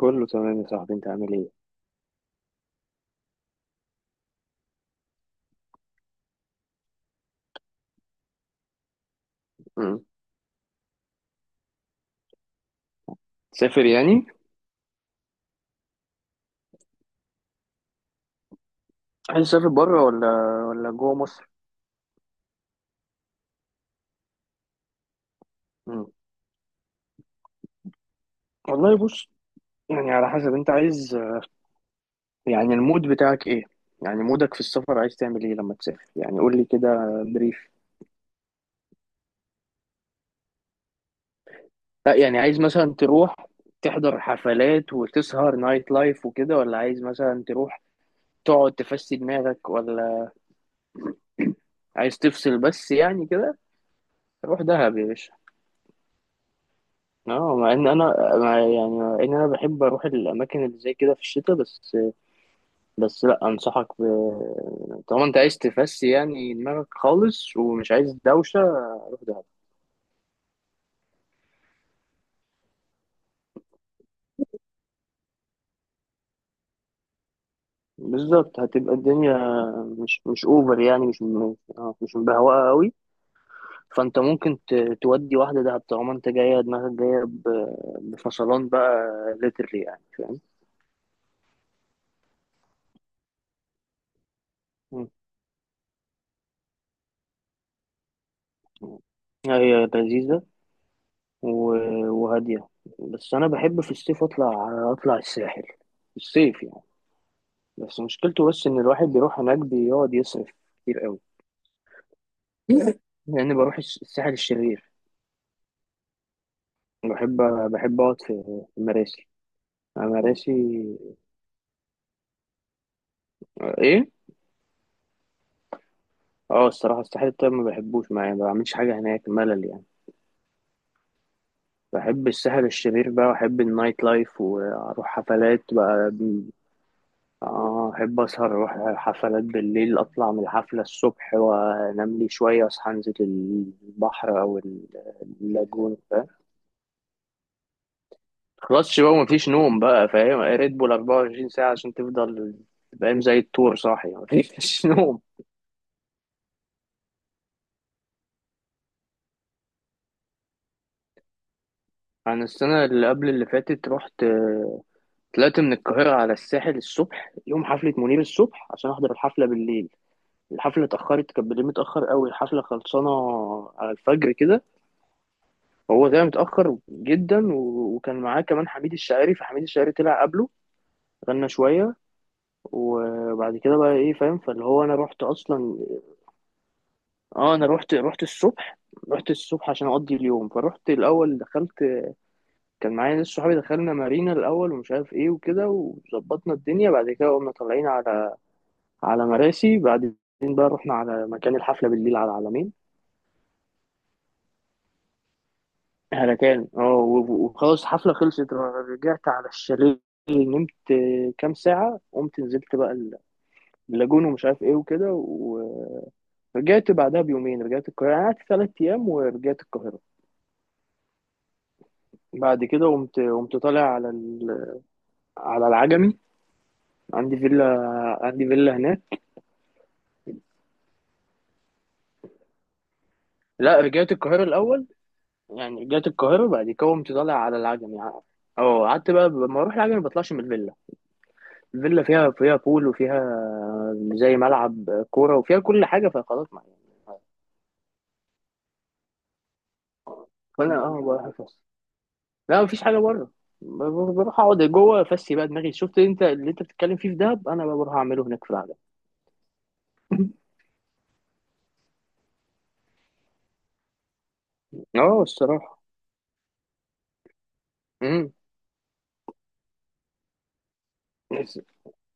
كله تمام يا صاحبي، انت عامل ايه؟ مم. تسافر يعني؟ عايز تسافر بره ولا جوه مصر؟ مم. والله بص، يعني على حسب انت عايز، يعني المود بتاعك ايه، يعني مودك في السفر، عايز تعمل ايه لما تسافر؟ يعني قول لي كده. بريف؟ لا يعني عايز مثلا تروح تحضر حفلات وتسهر نايت لايف وكده، ولا عايز مثلا تروح تقعد تفسي دماغك، ولا عايز تفصل بس يعني كده؟ روح دهب يا باشا. اه، مع ان انا بحب اروح الاماكن اللي زي كده في الشتاء، بس. لا انصحك طالما انت عايز تفسي يعني دماغك خالص ومش عايز دوشه، روح دهب. بالظبط، هتبقى الدنيا مش اوفر، يعني مش م- آه، مش مبهوقه قوي. فانت ممكن تودي واحده دهب طالما انت جايه دماغك جايه بفصلان بقى. ليترلي يعني فاهم. مم. هي لذيذه وهاديه. بس انا بحب في الصيف اطلع الساحل في الصيف يعني. بس مشكلته، بس ان الواحد بيروح هناك بيقعد يصرف كتير قوي. لأني بروح الساحل الشرير. بحب، أقعد في مراسي. مراسي. إيه؟ أه الصراحة الساحل الطيب ما بحبوش، ما يعني ما بعملش حاجة هناك، ملل يعني. بحب الساحل الشرير بقى، وأحب النايت لايف وأروح حفلات بقى. أحب أسهر، أروح حفلات بالليل، أطلع من الحفلة الصبح، وأنام لي شوية، أصحى أنزل البحر أو اللاجون. خلاص بقى، مفيش نوم بقى، فاهم؟ ريد بول 24 ساعة عشان تفضل فاهم زي الطور صاحي، مفيش نوم. أنا السنة اللي قبل اللي فاتت رحت، طلعت من القاهرة على الساحل الصبح يوم حفلة منير الصبح عشان أحضر الحفلة بالليل. الحفلة اتأخرت، كانت بالليل متأخر قوي، الحفلة خلصانة على الفجر كده. هو ده متأخر جدا، وكان معاه كمان حميد الشاعري، فحميد الشاعري طلع قبله، غنى شوية. وبعد كده بقى ايه فاهم، فاللي هو انا رحت اصلا، اه انا رحت الصبح. رحت الصبح عشان اقضي اليوم، فرحت الاول دخلت. كان معايا ناس صحابي، دخلنا مارينا الاول ومش عارف ايه وكده، وظبطنا الدنيا، بعد كده قمنا طالعين على مراسي بعدين. بقى رحنا على مكان الحفله بالليل على العلمين، على كان اه وخلاص الحفله خلصت، رجعت على الشاليه، نمت كام ساعه، قمت نزلت بقى اللاجون ومش عارف ايه وكده. ورجعت بعدها بيومين، رجعت القاهره. أنا قعدت 3 ايام ورجعت القاهره. بعد كده قمت طالع على العجمي. عندي فيلا، عندي فيلا هناك. لا، رجعت القاهرة الأول، يعني رجعت القاهرة، بعد كده قمت طالع على العجمي. اه قعدت بقى. لما اروح العجمي ما بطلعش من الفيلا. الفيلا فيها بول، وفيها زي ملعب كورة، وفيها كل حاجة، فخلاص معايا. فأنا بروح أفس لا مفيش حاجة بره، بروح أقعد جوه، أفسي بقى دماغي. شفت أنت اللي أنت بتتكلم فيه في دهب؟ أنا بقى بروح أعمله هناك في العجمي. اه الصراحة. امم، بس،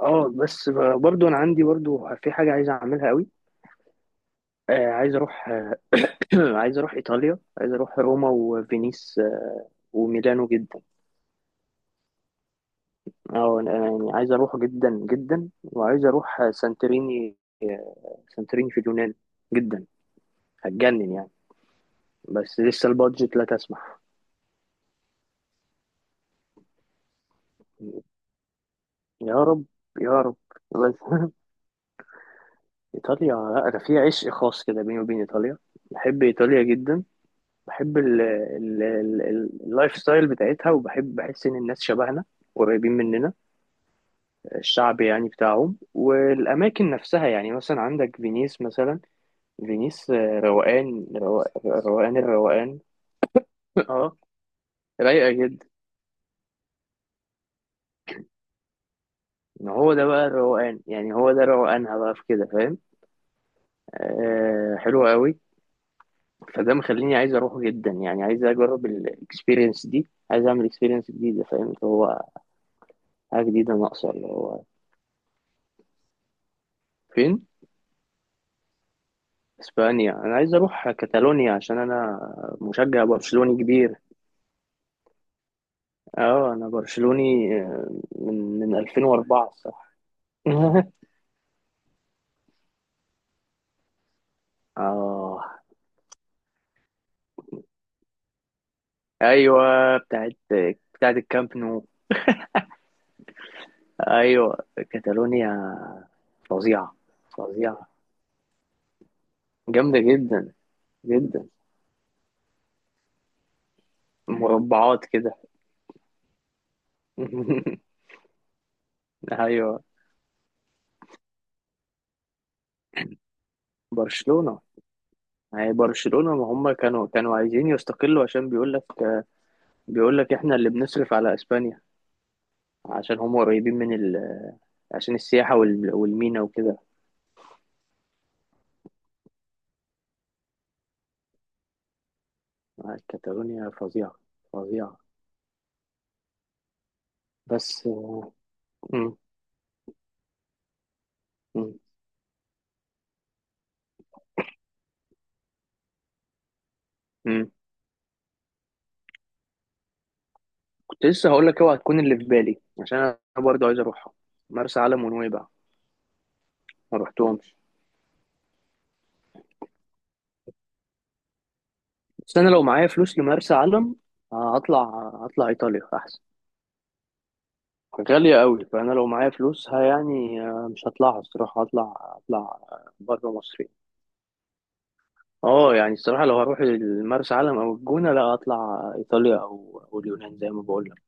اه بس برضو انا عندي برضو في حاجة عايز اعملها قوي. آه عايز اروح، عايز اروح ايطاليا، عايز اروح روما وفينيس، وميلانو جدا. اه أنا يعني عايز اروح جدا جدا، وعايز اروح سانتوريني. سانتوريني في اليونان. جدا. هتجنن يعني. بس لسه البادجت لا تسمح. يا رب، يا رب بس. ايطاليا، لا انا في عشق خاص كده بيني وبين ايطاليا. بحب ايطاليا جدا. بحب اللايف ستايل بتاعتها، وبحب، بحس ان الناس شبهنا، قريبين مننا. الشعب يعني بتاعهم والأماكن نفسها، يعني مثلا عندك فينيس مثلا. فينيس روقان، روقان، الروقان. اه رايقة جدا. ما هو ده بقى الروقان يعني، هو ده روقانها بقى في كده فاهم. آه حلوة قوي. فده مخليني عايز أروحه جدا، يعني عايز أجرب الإكسبيرينس دي، عايز أعمل إكسبيرينس جديدة، فاهم اللي هو حاجة جديدة ناقصة اللي هو. فين؟ إسبانيا. أنا عايز أروح كاتالونيا عشان أنا مشجع برشلوني كبير. اه انا برشلوني، من 2004 الصراحه. اه ايوه. بتاعت بتاعت الكامب نو. ايوه كاتالونيا. فظيعه، فظيعه. جامده جدا، جدا. مربعات كده. ايوه برشلونه. هي برشلونه ما هم كانوا عايزين يستقلوا، عشان بيقول لك، بيقول لك احنا اللي بنصرف على اسبانيا، عشان هم قريبين من عشان السياحه والمينا وكده. آه، كاتالونيا فظيعه، فظيعه. بس. مم، مم، مم. كنت لسه هقول لك اوعى تكون اللي في بالي عشان انا برضه عايز اروحها. مرسى علم ونويبع، ما رحتهمش. بس انا لو معايا فلوس لمرسى علم، هطلع. هطلع ايطاليا احسن. غالية قوي، فانا لو معايا فلوسها يعني مش هطلعها الصراحة. هطلع بره مصر. اه يعني الصراحة لو هروح المرسى علم او الجونة، لا هطلع ايطاليا او اليونان زي ما بقول لك.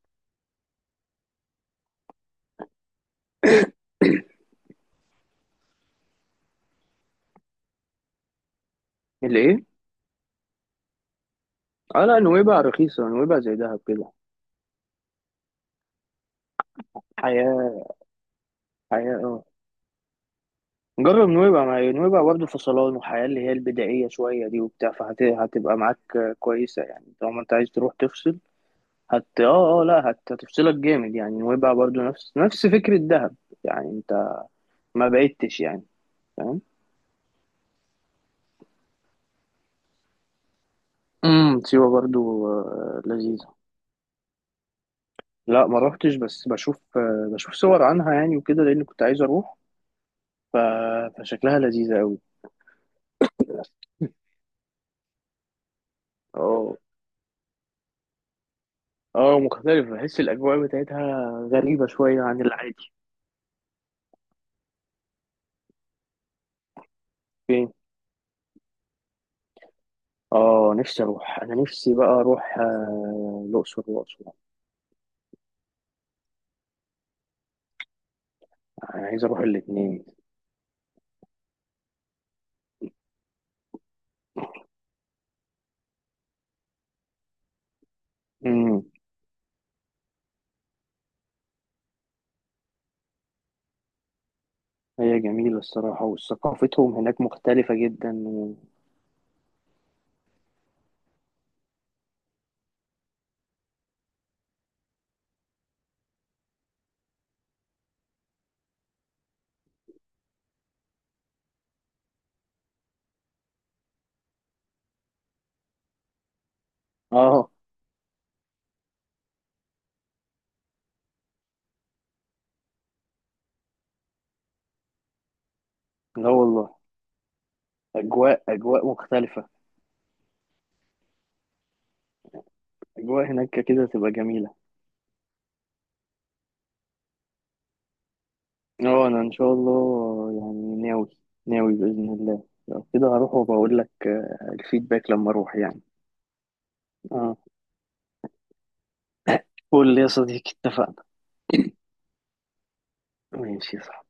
اللي ايه؟ اه، لا نويبع رخيصة، نويبع زي دهب كده. حياة، حياة اه. جرب نويبع، مع نويبع برضه فصلان وحياة اللي هي البدائية شوية دي وبتاع، فهتبقى معاك كويسة يعني طالما انت عايز تروح تفصل. هت اه اه لا هت... هتفصلك جامد يعني. نويبع برضه نفس فكرة دهب، يعني انت ما بعدتش يعني، فاهم. سيوة برضه، لذيذة. لا، ما روحتش، بس بشوف صور عنها يعني وكده، لأن كنت عايز أروح ف... فشكلها لذيذة أوي. اه، اه مختلف. بحس الأجواء بتاعتها غريبة شوية عن العادي. فين؟ اه، نفسي اروح، انا نفسي بقى اروح الاقصر واسوان. انا عايز اروح الاثنين. امم. هي جميله الصراحه، وثقافتهم هناك مختلفه جدا اه، لا والله، اجواء مختلفه. اجواء هناك كده تبقى جميله. اه انا ان شاء الله يعني ناوي، ناوي باذن الله. لو كده هروح وبقول لك الفيدباك لما اروح يعني. اه. قول لي يا صديقي، اتفقنا. ماشي، صح.